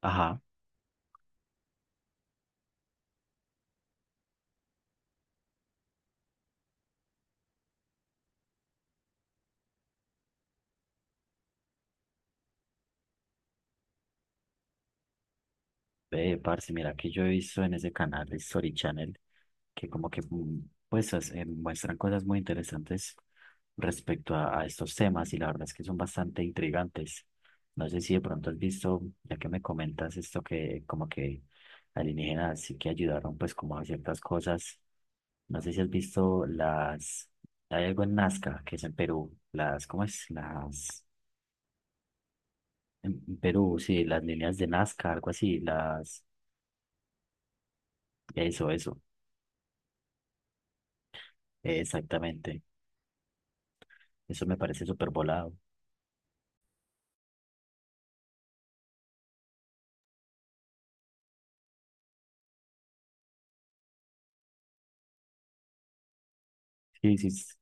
Ajá, ve, parce, mira que yo he visto en ese canal, Story Channel, que como que pues muestran cosas muy interesantes respecto a estos temas y la verdad es que son bastante intrigantes. No sé si de pronto has visto, ya que me comentas esto que como que alienígenas sí que ayudaron pues como a ciertas cosas. No sé si has visto las, hay algo en Nazca, que es en Perú, las, ¿cómo es? Las, en Perú, sí, las líneas de Nazca, algo así, las, eso, eso. Exactamente. Eso me parece súper volado. Sí, sí, s-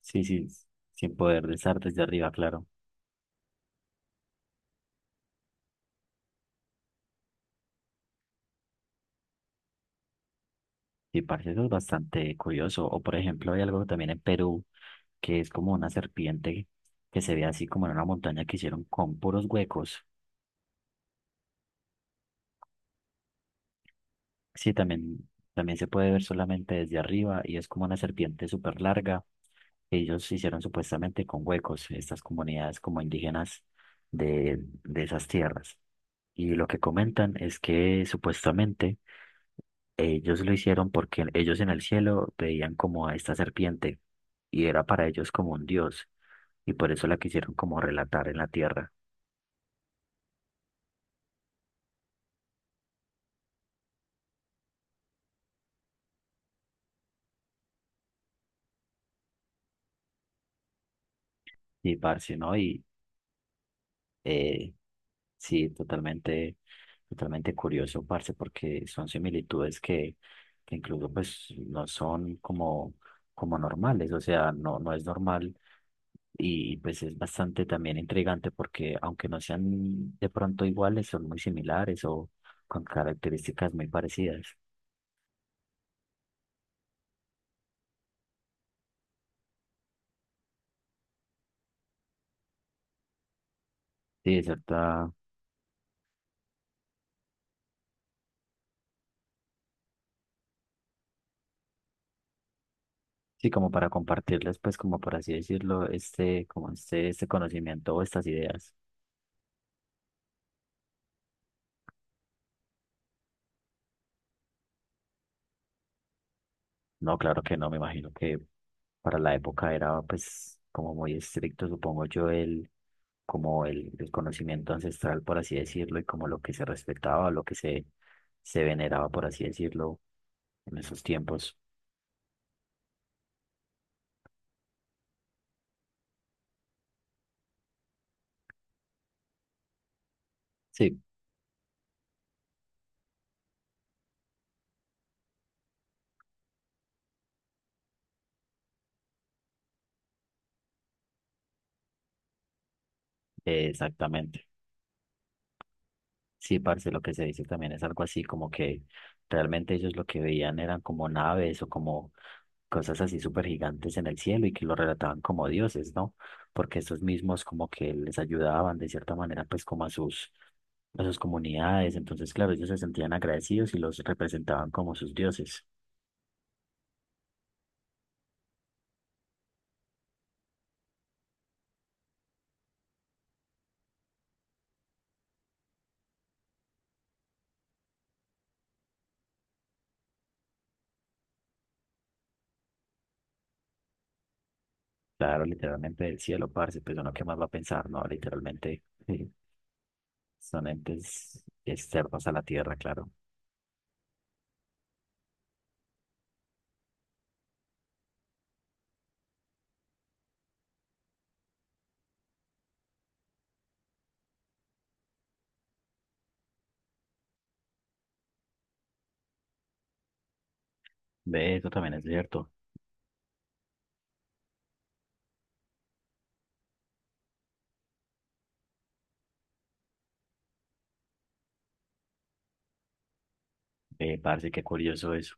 sí, sí. s- Sin poder estar desde arriba, claro. Y parece eso es bastante curioso. O por ejemplo, hay algo también en Perú que es como una serpiente que se ve así como en una montaña que hicieron con puros huecos. Sí, también, también se puede ver solamente desde arriba y es como una serpiente súper larga, que ellos hicieron supuestamente con huecos. Estas comunidades como indígenas de esas tierras. Y lo que comentan es que supuestamente ellos lo hicieron porque ellos en el cielo veían como a esta serpiente y era para ellos como un dios y por eso la quisieron como relatar en la tierra. Y parce, ¿no? Y Eh, sí, totalmente, totalmente curioso, parce, porque son similitudes que incluso pues no son como, como normales, o sea, no es normal y pues es bastante también intrigante porque aunque no sean de pronto iguales, son muy similares o con características muy parecidas. Sí, de cierta, sí, como para compartirles pues como por así decirlo, este, como este conocimiento o estas ideas. No, claro que no, me imagino que para la época era pues como muy estricto, supongo yo, como el conocimiento ancestral, por así decirlo, y como lo que se respetaba, se veneraba, por así decirlo, en esos tiempos. Sí, exactamente. Sí, parce, lo que se dice también es algo así como que realmente ellos lo que veían eran como naves o como cosas así súper gigantes en el cielo y que lo relataban como dioses, ¿no? Porque estos mismos como que les ayudaban de cierta manera pues como a a sus comunidades, entonces claro, ellos se sentían agradecidos y los representaban como sus dioses. Claro, literalmente del cielo, parce, pues uno qué más va a pensar, ¿no? Literalmente sí, son entes externos a la tierra, claro. Ve, eso también es cierto. Ve parce, qué curioso eso.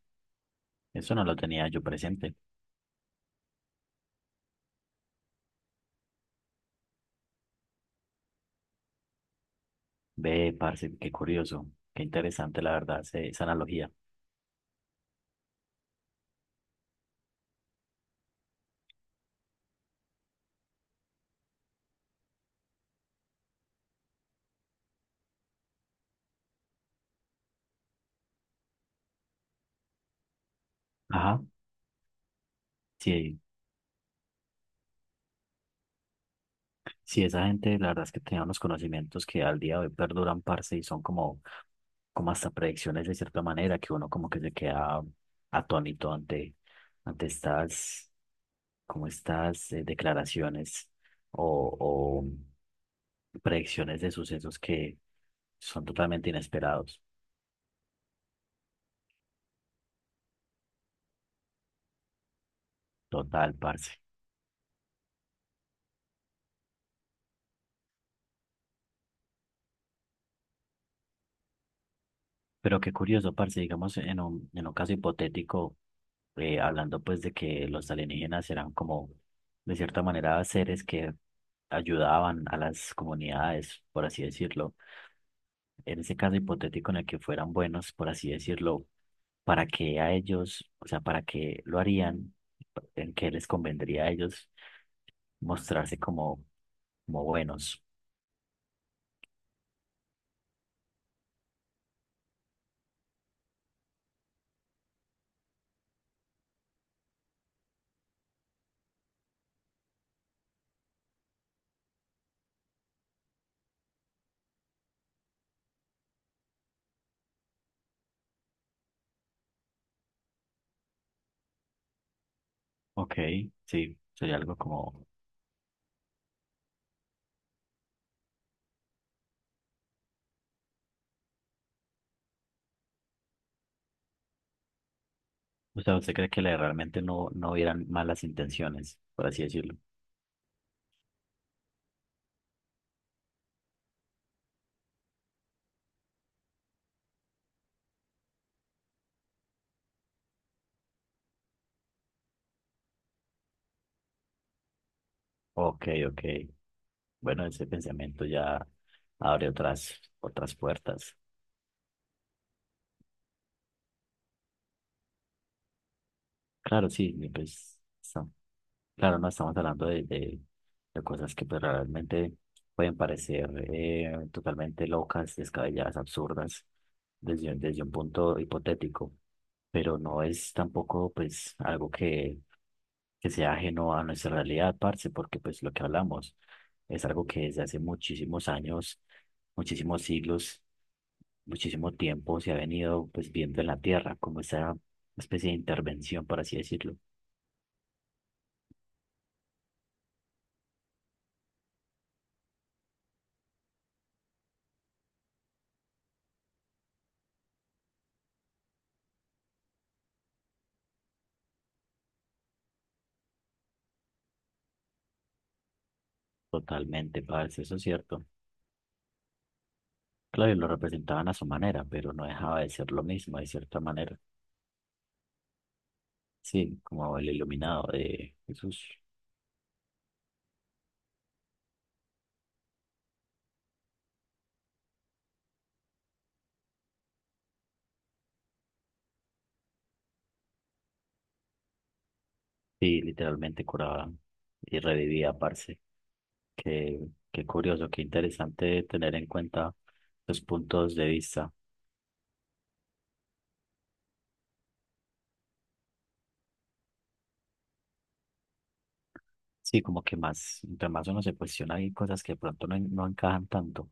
Eso no lo tenía yo presente. Ve, parce, qué curioso, qué interesante, la verdad, esa analogía. Ajá, sí, sí, esa gente, la verdad es que tenía unos conocimientos que al día de hoy perduran, parce, y son como, como hasta predicciones de cierta manera, que uno como que se queda atónito ante estas, como estas declaraciones o predicciones de sucesos que son totalmente inesperados. Total, parce. Pero qué curioso, parce, digamos, en en un caso hipotético, hablando pues de que los alienígenas eran como, de cierta manera, seres que ayudaban a las comunidades, por así decirlo. En ese caso hipotético en el que fueran buenos, por así decirlo, ¿para qué a ellos, o sea, para qué lo harían? ¿En qué les convendría a ellos mostrarse como, como buenos? Ok, sí, sería algo como. O sea, ¿usted cree que realmente no hubieran malas intenciones, por así decirlo? Ok, ok. Bueno, ese pensamiento ya abre otras puertas. Claro, sí, y pues, son- Claro, no estamos hablando de cosas que pues, realmente pueden parecer totalmente locas, descabelladas, absurdas, desde un punto hipotético, pero no es tampoco pues algo que sea ajeno a nuestra realidad, parce, porque pues lo que hablamos es algo que desde hace muchísimos años, muchísimos siglos, muchísimo tiempo se ha venido pues viendo en la Tierra como esa especie de intervención, por así decirlo. Totalmente, parce, eso es cierto. Claro, y lo representaban a su manera, pero no dejaba de ser lo mismo, de cierta manera. Sí, como el iluminado de Jesús. Sí, literalmente curaba y revivía, parce. Qué, qué curioso, qué interesante tener en cuenta los puntos de vista. Sí, como que más, entre más uno se cuestiona, hay cosas que de pronto no encajan tanto.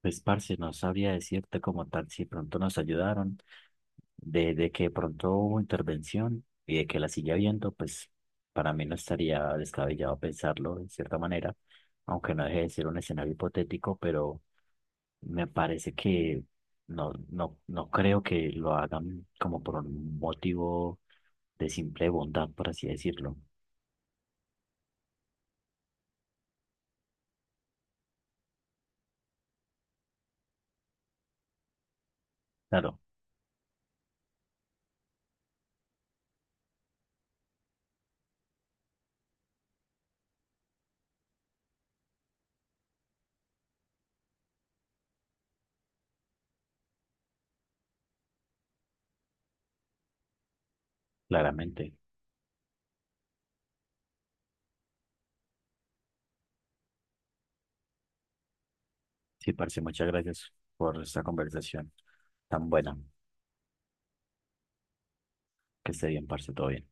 Pues, parce, no sabría decirte como tal si pronto nos ayudaron, de que pronto hubo intervención y de que la sigue habiendo, pues para mí no estaría descabellado pensarlo de cierta manera, aunque no deje de ser un escenario hipotético, pero me parece que no creo que lo hagan como por un motivo de simple bondad, por así decirlo. Claro, claramente. Sí, parce, muchas gracias por esta conversación tan buena. Que esté bien, parce, todo bien.